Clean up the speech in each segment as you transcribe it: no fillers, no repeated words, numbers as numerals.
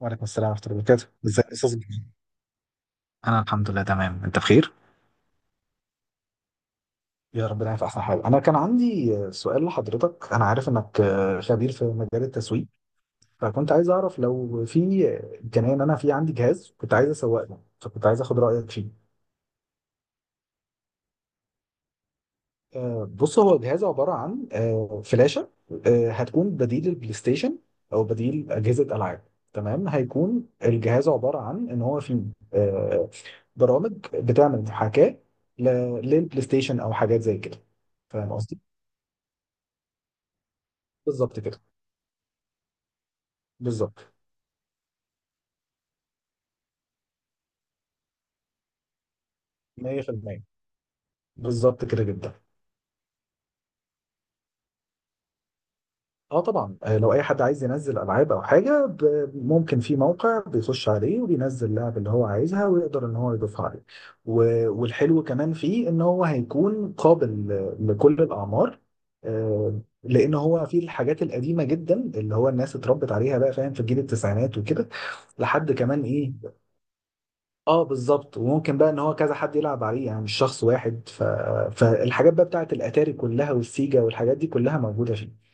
وعليكم السلام ورحمة الله وبركاته، ازيك يا استاذ جمال؟ انا الحمد لله تمام. انت بخير؟ يا رب دايما في احسن حال. انا كان عندي سؤال لحضرتك، انا عارف انك خبير في مجال التسويق، فكنت عايز اعرف لو في امكانيه، ان انا في عندي جهاز كنت عايز اسوق له، فكنت عايز اخد رايك فيه. بص، هو جهاز عباره عن فلاشه. هتكون بديل البلاي ستيشن او بديل اجهزه العاب. تمام، هيكون الجهاز عباره عن ان هو فيه برامج بتعمل محاكاة ل- للبلاي ستيشن او حاجات زي كده. فاهم قصدي؟ بالظبط كده. بالظبط 100%. بالظبط كده جدا. اه طبعا، لو اي حد عايز ينزل العاب او حاجه، ممكن في موقع بيخش عليه وبينزل اللعبه اللي هو عايزها ويقدر ان هو يضيفها عليه. والحلو كمان فيه ان هو هيكون قابل لكل الاعمار. لان هو في الحاجات القديمه جدا اللي هو الناس اتربت عليها بقى، فاهم، في جيل التسعينات وكده. لحد كمان ايه. اه بالظبط. وممكن بقى ان هو كذا حد يلعب عليه يعني، مش شخص واحد. فالحاجات بقى بتاعت الاتاري كلها والسيجا والحاجات دي كلها موجوده فيه.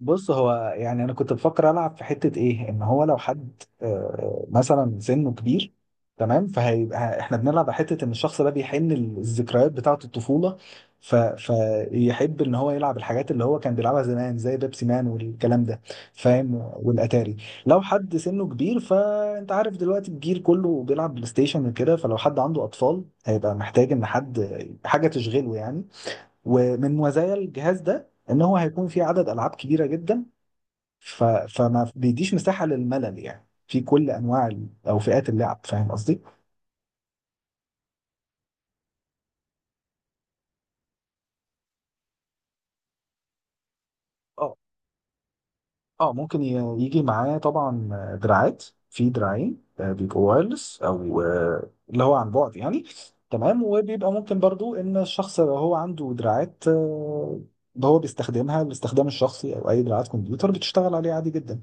بص، هو يعني انا كنت بفكر العب في حته ايه، ان هو لو حد مثلا سنه كبير، تمام، فهيبقى احنا بنلعب على حته ان الشخص ده بيحن الذكريات بتاعه الطفوله. فيحب ان هو يلعب الحاجات اللي هو كان بيلعبها زمان، زي بيبسي مان والكلام ده، فاهم، والاتاري. لو حد سنه كبير، فانت عارف دلوقتي الجيل كله بيلعب بلاي ستيشن وكده، فلو حد عنده اطفال هيبقى محتاج ان حد، حاجه تشغله يعني. ومن مزايا الجهاز ده ان هو هيكون فيه عدد العاب كبيره جدا، فما بيديش مساحة للملل يعني في كل انواع ال- او فئات اللعب. فاهم قصدي؟ اه. اه ممكن يجي معاه طبعا دراعات. في دراعين، بيبقوا وايرلس، او اللي هو عن بعد يعني. تمام. وبيبقى ممكن برضو ان الشخص لو هو عنده دراعات، هو بيستخدمها الاستخدام الشخصي، او اي دراعات كمبيوتر بتشتغل عليه عادي جدا.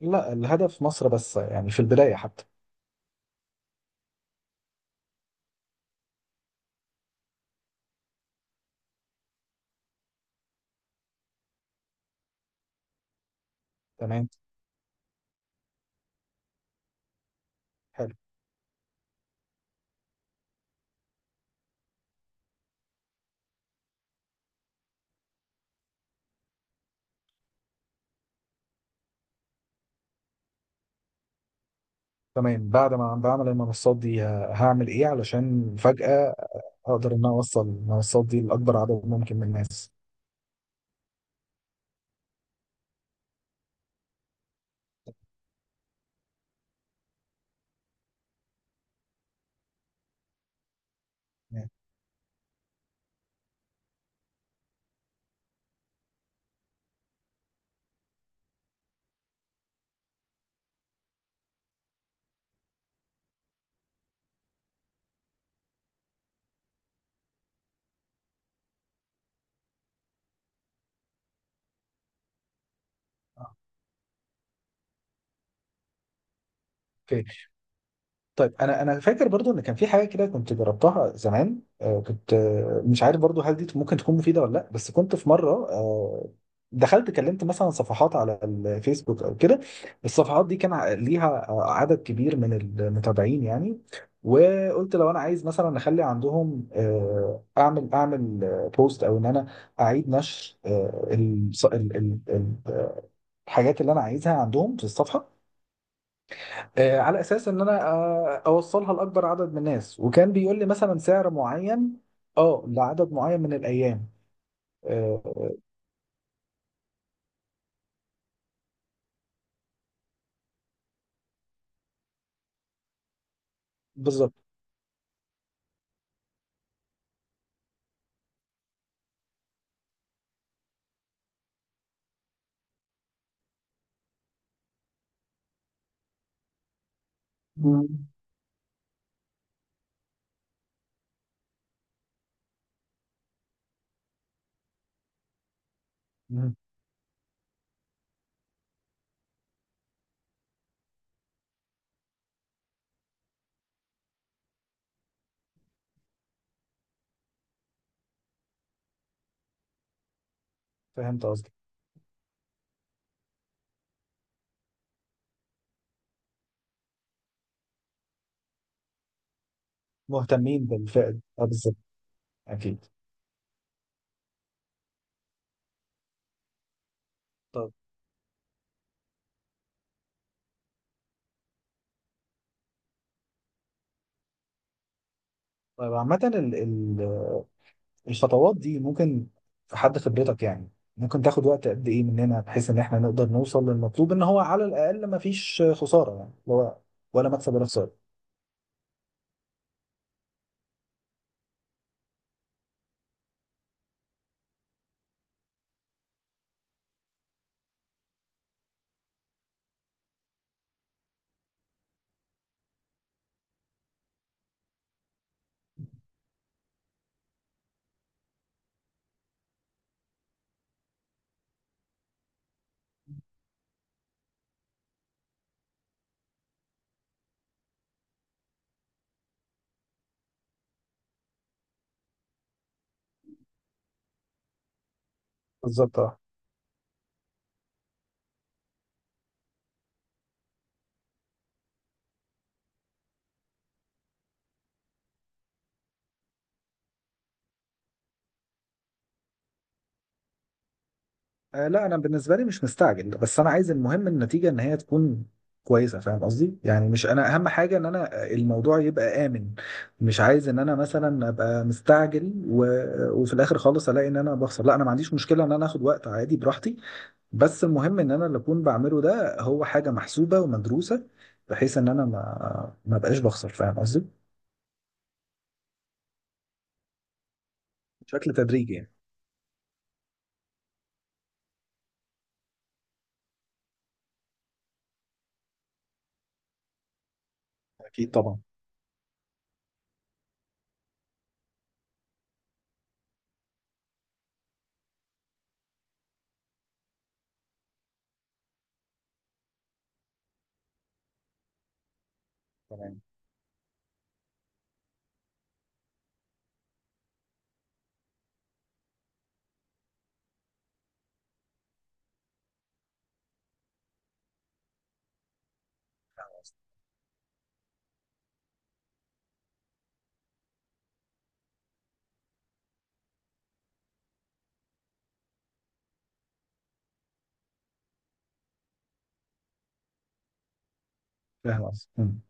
لا، الهدف مصر بس يعني، في البداية حتى. تمام. حلو. تمام، بعد ما بعمل المنصات دي هعمل ايه علشان فجأة هقدر ان انا اوصل المنصات دي لاكبر عدد ممكن من الناس؟ تمام. اوكي. طيب انا فاكر برضو ان كان في حاجه كده كنت جربتها زمان، آه، كنت آه، مش عارف برضو هل دي ممكن تكون مفيده ولا لا، بس كنت في مره دخلت كلمت مثلا صفحات على الفيسبوك او كده. الصفحات دي كان ليها عدد كبير من المتابعين يعني. وقلت لو انا عايز مثلا اخلي عندهم اعمل بوست، او ان انا اعيد نشر الحاجات اللي انا عايزها عندهم في الصفحه، على اساس ان انا اوصلها لاكبر عدد من الناس، وكان بيقول لي مثلا سعر معين، اه، لعدد معين من الايام. آه، آه، بالظبط. مم. مم. فهمت قصدك. مهتمين بالفئه دي. اه بالظبط. اكيد. طب. طيب عامه، الخطوات دي ممكن في حد خبرتك يعني، ممكن تاخد وقت قد ايه مننا بحيث ان احنا نقدر نوصل للمطلوب، ان هو على الاقل ما فيش خساره يعني، اللي هو ولا مكسب ولا خساره. بالظبط. آه لا، انا بالنسبه لي مش مستعجل، بس انا عايز المهم النتيجه ان هي تكون كويسه. فاهم قصدي؟ يعني مش انا اهم حاجه ان انا الموضوع يبقى امن. مش عايز ان انا مثلا ابقى مستعجل وفي الاخر خالص الاقي ان انا بخسر. لا، انا ما عنديش مشكله ان انا اخد وقت عادي براحتي، بس المهم ان انا اللي اكون بعمله ده هو حاجه محسوبه ومدروسه، بحيث ان انا ما بقاش بخسر. فاهم قصدي؟ بشكل تدريجي يعني. اكيد طبعا. تمام. فاهم قصدي. مم.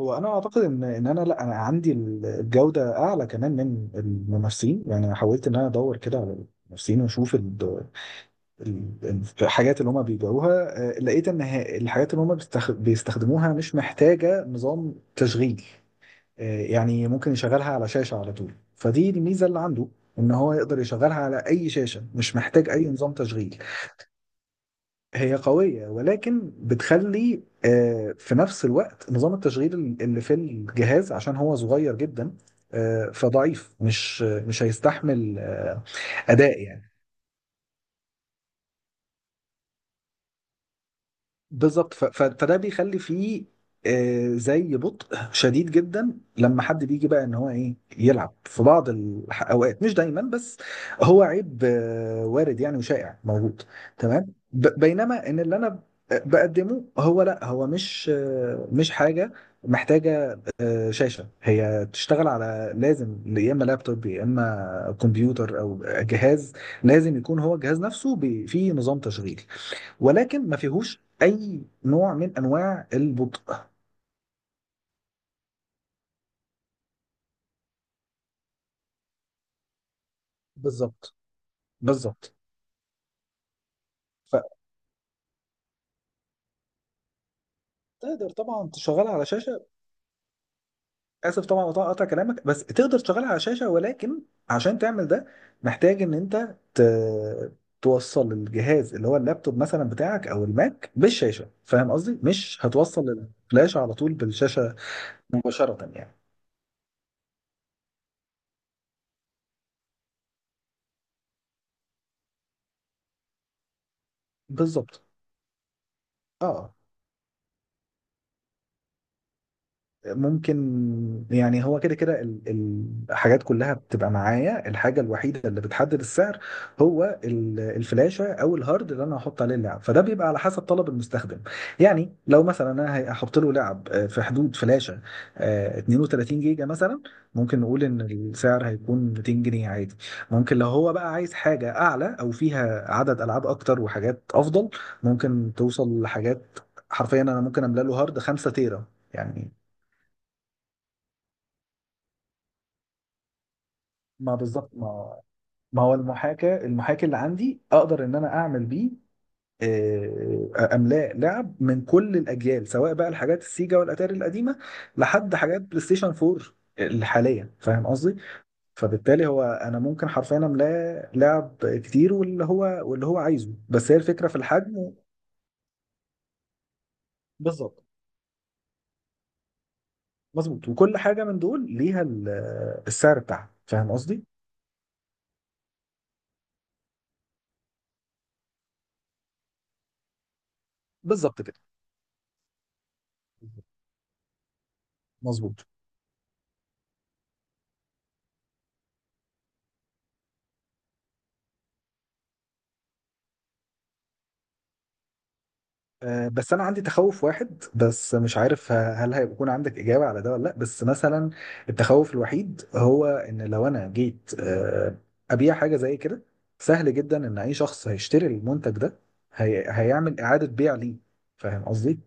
هو انا اعتقد ان ان انا لا انا عندي الجوده اعلى كمان من الممثلين يعني، انا حاولت ان انا ادور كده على الممثلين واشوف الحاجات اللي هم بيبيعوها. لقيت ان الحاجات اللي هم بيستخدموها مش محتاجه نظام تشغيل. يعني ممكن يشغلها على شاشه على طول، فدي الميزه اللي عنده، ان هو يقدر يشغلها على اي شاشه، مش محتاج اي نظام تشغيل. هي قوية، ولكن بتخلي في نفس الوقت نظام التشغيل اللي في الجهاز عشان هو صغير جدا، فضعيف، مش هيستحمل أداء يعني. بالظبط. فده بيخلي فيه زي بطء شديد جدا لما حد بيجي بقى ان هو ايه يلعب، في بعض الاوقات مش دايما، بس هو عيب وارد يعني، وشائع موجود. تمام. بينما ان اللي انا بقدمه، هو لا، هو مش مش حاجه محتاجه شاشه. هي تشتغل على، لازم يا اما لابتوب، يا اما كمبيوتر او جهاز. لازم يكون هو الجهاز نفسه فيه نظام تشغيل، ولكن ما فيهوش اي نوع من انواع البطء. بالظبط. بالظبط. فتقدر طبعا تشغلها على شاشه. اسف طبعا قطع كلامك، بس تقدر تشغلها على شاشه، ولكن عشان تعمل ده محتاج ان انت توصل الجهاز اللي هو اللابتوب مثلا بتاعك او الماك بالشاشه. فاهم قصدي؟ مش هتوصل الفلاش على طول بالشاشه مباشره يعني. بالظبط. اه. ممكن يعني هو كده كده الحاجات كلها بتبقى معايا. الحاجة الوحيدة اللي بتحدد السعر هو ال- الفلاشة أو الهارد اللي أنا هحط عليه اللعب، فده بيبقى على حسب طلب المستخدم. يعني لو مثلا أنا هحط له لعب في حدود فلاشة 32 جيجا مثلا، ممكن نقول إن السعر هيكون 200 جنيه عادي. ممكن لو هو بقى عايز حاجة أعلى أو فيها عدد ألعاب أكتر وحاجات أفضل، ممكن توصل لحاجات، حرفيا أنا ممكن أملأ له هارد 5 تيرا يعني. ما بالظبط. ما هو المحاكاة، المحاكي اللي عندي اقدر ان انا اعمل بيه املاء لعب من كل الاجيال، سواء بقى الحاجات السيجا والاتاري القديمه لحد حاجات بلاي ستيشن 4 الحاليه. فاهم قصدي؟ فبالتالي هو انا ممكن حرفيا املاه لعب كتير، واللي هو عايزه، بس هي الفكره في الحجم. بالظبط. مظبوط. وكل حاجه من دول ليها ال- السعر بتاعها. فاهم قصدي؟ بالظبط كده. مظبوط. بس انا عندي تخوف واحد بس، مش عارف هل هيكون عندك اجابه على ده ولا لا، بس مثلا التخوف الوحيد هو ان لو انا جيت ابيع حاجه زي كده، سهل جدا ان اي شخص هيشتري المنتج ده هيعمل اعاده بيع ليه. فاهم قصدي؟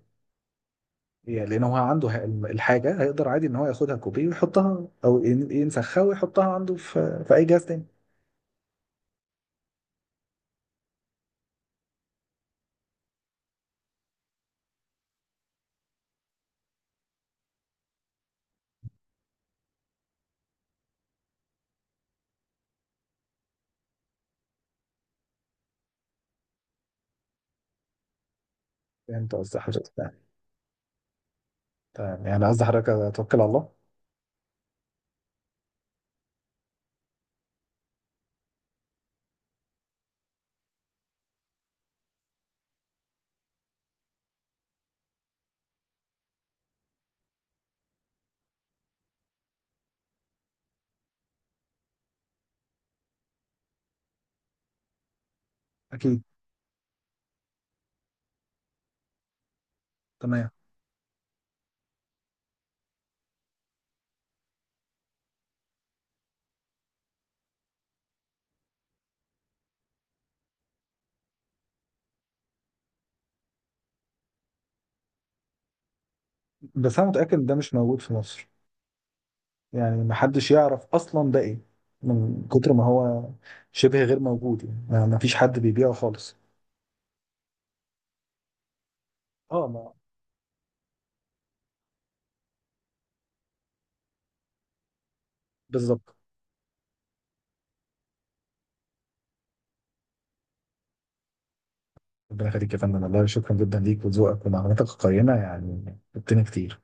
يعني لان هو عنده الحاجه، هيقدر عادي ان هو ياخدها كوبي ويحطها او ينسخها ويحطها عنده في اي جهاز تاني. فهمت قصدي حضرتك. تمام، يعني قصدي حضرتك توكل على الله. اكيد. تمام. بس انا متاكد ان ده مش موجود في مصر، يعني محدش يعرف اصلا ده ايه، من كتر ما هو شبه غير موجود يعني. ما فيش حد بيبيعه خالص. اه ما بالظبط. ربنا يخليك يا فندم، والله شكرا جدا ليك، وذوقك ومعلوماتك القيمة يعني فدتني كتير.